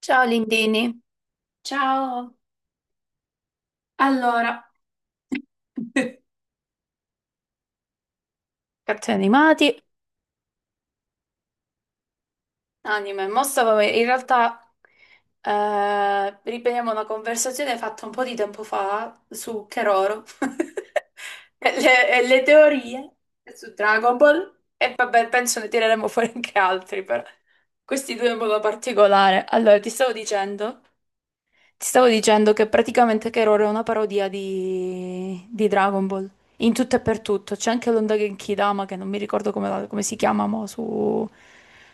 Ciao Lindini. Ciao. Allora, cartoni animati, anime. Mo in realtà riprendiamo una conversazione fatta un po' di tempo fa su Keroro e le teorie su Dragon Ball. E vabbè, penso ne tireremo fuori anche altri, però questi due in modo particolare. Allora, ti stavo dicendo. Ti stavo dicendo che praticamente Keroro è una parodia di Dragon Ball, in tutto e per tutto. C'è anche l'onda Genkidama, che non mi ricordo come, come si chiama mo, su,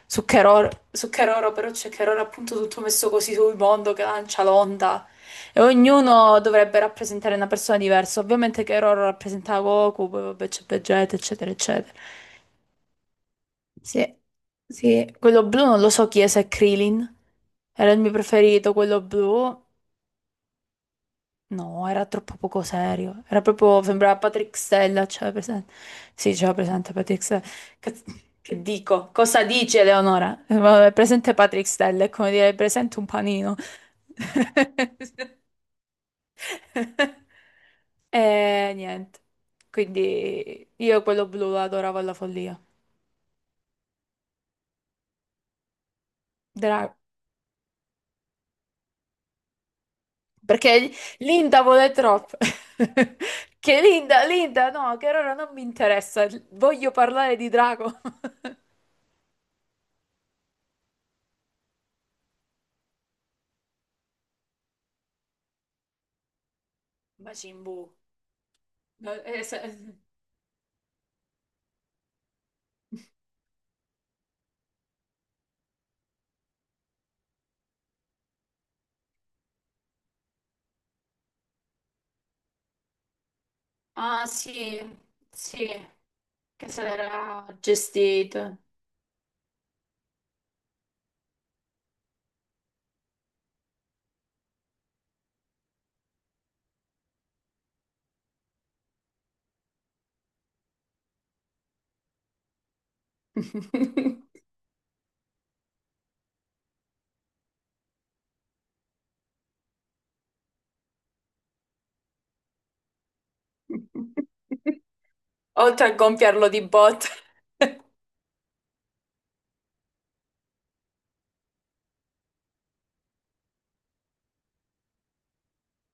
su Keroro, su Keroro, però c'è Keroro appunto tutto messo così sul mondo che lancia l'onda. E ognuno dovrebbe rappresentare una persona diversa. Ovviamente Keroro rappresenta Goku, poi vabbè c'è Vegeta, eccetera, eccetera. Sì, sì. Quello blu non lo so chi è, se è Krillin. Era il mio preferito, quello blu. No, era troppo poco serio. Era proprio, sembrava Patrick Stella, c'era presente. Sì, c'era presente Patrick Stella. Cazz- Che dico? Cosa dice Eleonora? Vabbè, presente Patrick Stella, è come dire presente un panino. E niente. Quindi io quello blu lo adoravo alla follia. Dra- Perché Linda vuole troppo. Che Linda, Linda, no, che ora non mi interessa. Voglio parlare di Drago. Majin Buu. Da- eh, se- Ah, sì, sì, che se l'era gestito. Oltre a gonfiarlo di botte.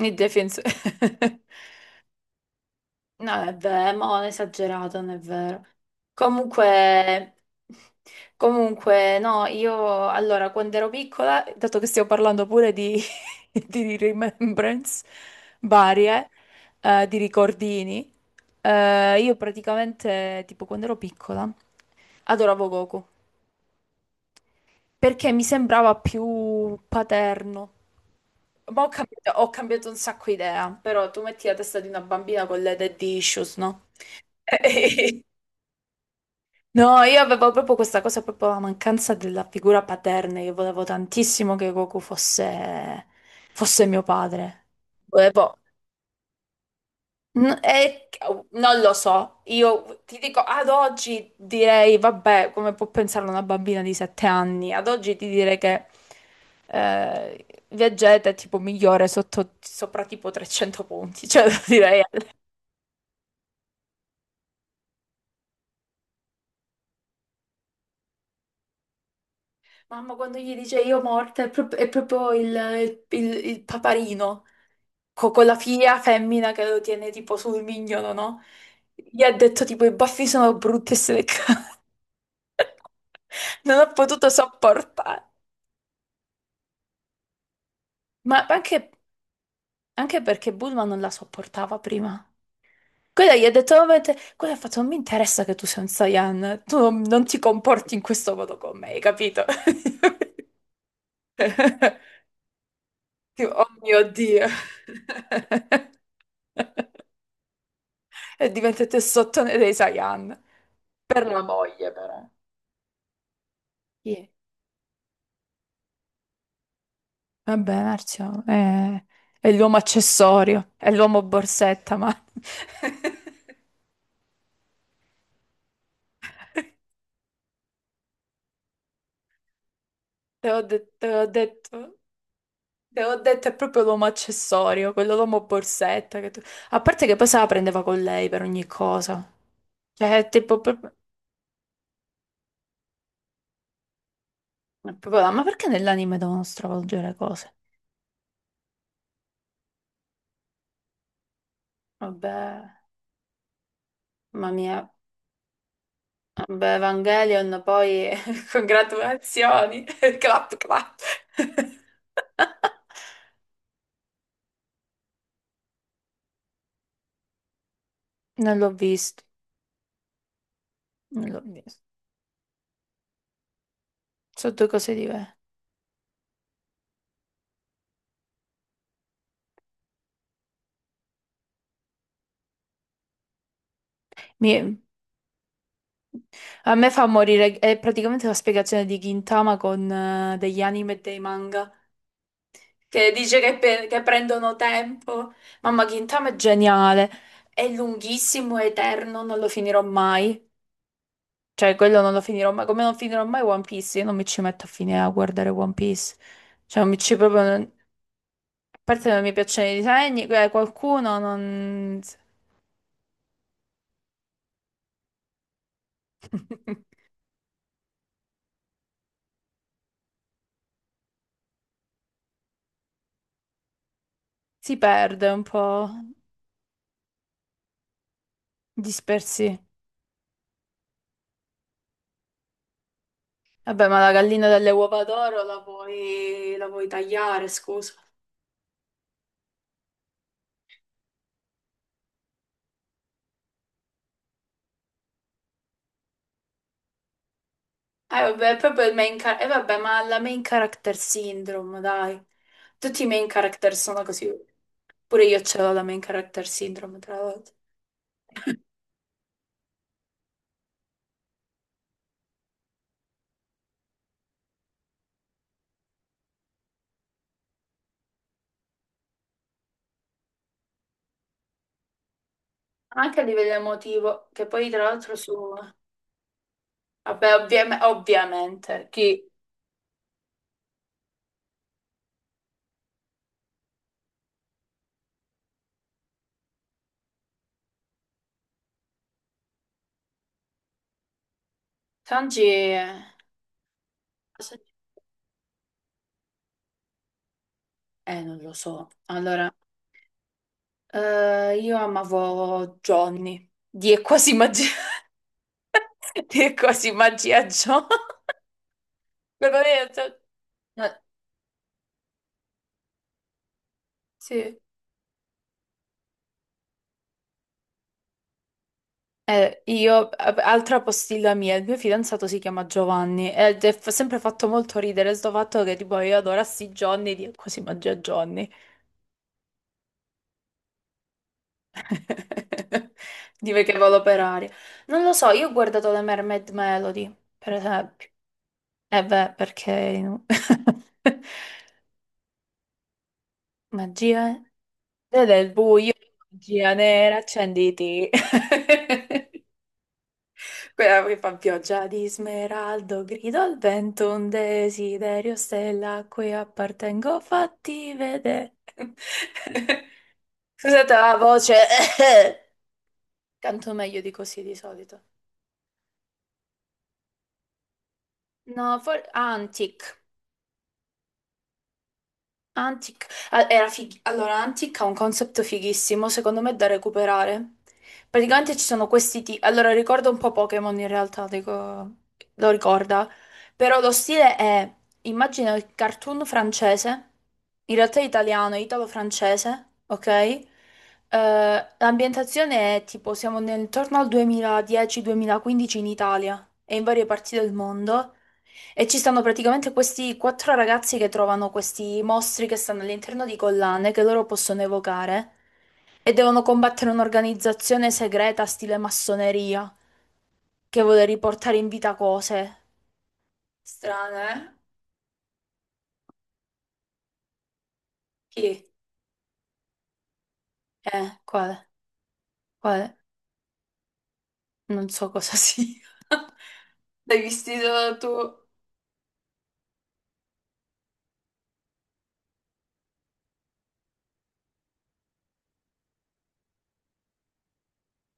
Il difensore. No, è vero, ma non è esagerato, non è vero. Comunque, comunque, no, io allora quando ero piccola, dato che stiamo parlando pure di, di remembrance varie, di ricordini, io praticamente, tipo quando ero piccola, adoravo Goku perché mi sembrava più paterno. Ma ho cambiato un sacco idea, però tu metti la testa di una bambina con le dead issues, no? No, io avevo proprio questa cosa, proprio la mancanza della figura paterna. Io volevo tantissimo che Goku fosse mio padre. Volevo. N- e- Non lo so, io ti dico, ad oggi direi, vabbè, come può pensare una bambina di 7 anni? Ad oggi ti direi che Vegeta è tipo migliore sotto, sopra tipo 300 punti, cioè direi. Mamma, quando gli dice io morta, è proprio, il paparino, con la figlia femmina che lo tiene tipo sul mignolo, no? Gli ha detto tipo i baffi sono brutti e se le ca- Non ho potuto sopportare. Ma anche perché Bulma non la sopportava prima. Quella gli ha detto, "No, ma quella ha fatto, non mi interessa che tu sei un Saiyan, tu non ti comporti in questo modo con me, hai capito? Tipo, oh mio Dio. E diventate sottone dei Saiyan. Per la moglie, però. Sì. Vabbè, Marzio, è l'uomo accessorio, è l'uomo borsetta, ma te ho de- te ho detto, è proprio l'uomo accessorio, quello l'uomo borsetta. A parte che poi se la prendeva con lei per ogni cosa. Cioè, è tipo, è proprio là, ma perché nell'anime devono stravolgere cose? Vabbè, mamma mia, vabbè, Evangelion, poi congratulazioni, clap clap. Non l'ho visto, non l'ho visto. Sono due cose diverse. Mi- A me fa morire, è praticamente la spiegazione di Gintama con degli anime e dei manga, che dice che prendono tempo. Mamma, Gintama è geniale, è lunghissimo, è eterno, non lo finirò mai. Cioè, quello non lo finirò mai, come non finirò mai One Piece, io non mi ci metto a finire a guardare One Piece. Cioè, non mi ci proprio. Parte non mi piacciono i disegni, qualcuno non. Si perde un po' dispersi. Vabbè, ma la gallina delle uova d'oro la puoi tagliare, scusa. Vabbè, è proprio il main character. Vabbè, ma la main character syndrome, dai. Tutti i main character sono così. Pure io ce l'ho la main character syndrome, tra l'altro. Anche a livello emotivo, che poi tra l'altro su. Vabbè, ovviamente, chi. Sanji. Non lo so. Allora, io amavo Johnny. Di è quasi magia. Di è quasi magia Johnny. Lo conosci? Eh, Sì. Io, altra postilla mia, il mio fidanzato si chiama Giovanni ed è sempre fatto molto ridere sto fatto che tipo io adorassi Johnny, di è quasi magia Johnny. Dime che volo per aria. Non lo so, io ho guardato le Mermaid Melody, per esempio. Eh beh, perché... no? Magia eh? Del buio, magia nera, accenditi. Quella che fa pioggia di smeraldo, grido al vento, un desiderio, stella a cui appartengo, fatti vedere. Scusate la voce, canto meglio di così di solito. No, antic. Antic, allora, Antic ha un concept fighissimo, secondo me, da recuperare. Praticamente ci sono questi tipi. Allora, ricorda un po' Pokémon in realtà, lo ricorda. Però lo stile è, immagina il cartoon francese, in realtà è italiano, è italo-francese, ok? L'ambientazione è tipo, siamo intorno al 2010-2015 in Italia e in varie parti del mondo. E ci stanno praticamente questi quattro ragazzi che trovano questi mostri che stanno all'interno di collane che loro possono evocare e devono combattere un'organizzazione segreta stile massoneria che vuole riportare in vita cose strane, eh? Chi? Quale? Quale? Non so cosa sia. L'hai vestito tu?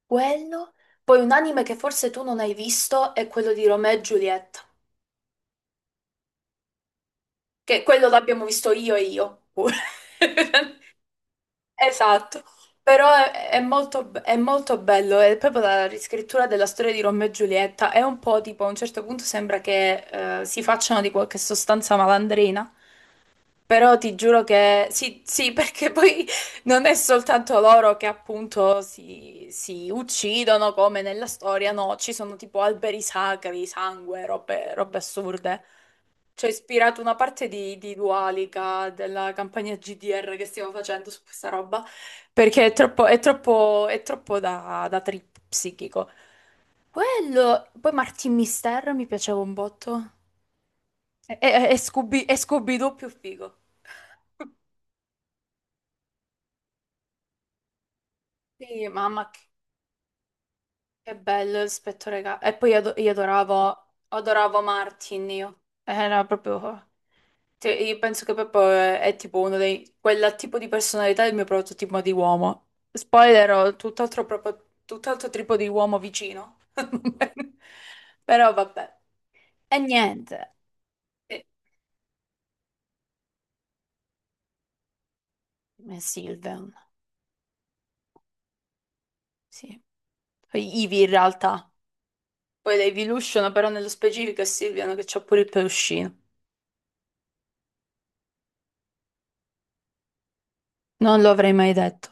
Quello? Poi un anime che forse tu non hai visto è quello di Romeo e Giulietta, che quello l'abbiamo visto io e io pure. Esatto, però è molto bello, è proprio la riscrittura della storia di Romeo e Giulietta, è un po' tipo a un certo punto sembra che si facciano di qualche sostanza malandrina, però ti giuro che sì, sì, perché poi non è soltanto loro che appunto si uccidono come nella storia, no, ci sono tipo alberi sacri, sangue, robe, robe assurde. Ci ha ispirato una parte di Dualica della campagna GDR che stiamo facendo su questa roba, perché è troppo, è troppo, è troppo da trip psichico. Quello, poi Martin Mister mi piaceva un botto. E Scooby-Doo più figo. Sì, mamma, che bello il spettro regà. E poi io adoravo Martin, io. Era proprio. Cioè, io penso che proprio è tipo uno dei. Quel tipo di personalità è il mio prototipo di uomo. Spoiler, ho tutt'altro proprio, tutt'altro tipo di uomo vicino. Però vabbè. E niente. E- e Sylvian, sì. Poi Ivy in realtà. Poi la Evolution, però nello specifico è Sylvian che c'ha pure il peluscino. Non lo avrei mai detto.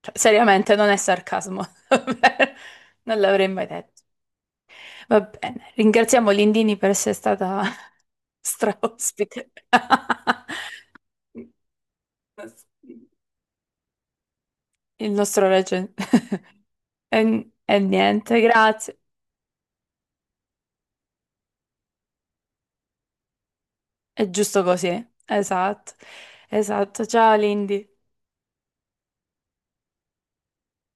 Cioè, seriamente, non è sarcasmo. Non l'avrei mai detto. Va bene, ringraziamo Lindini per essere stata straospite. Il nostro regge. E niente, grazie. È giusto così. Esatto, esatto. Ciao Lindy.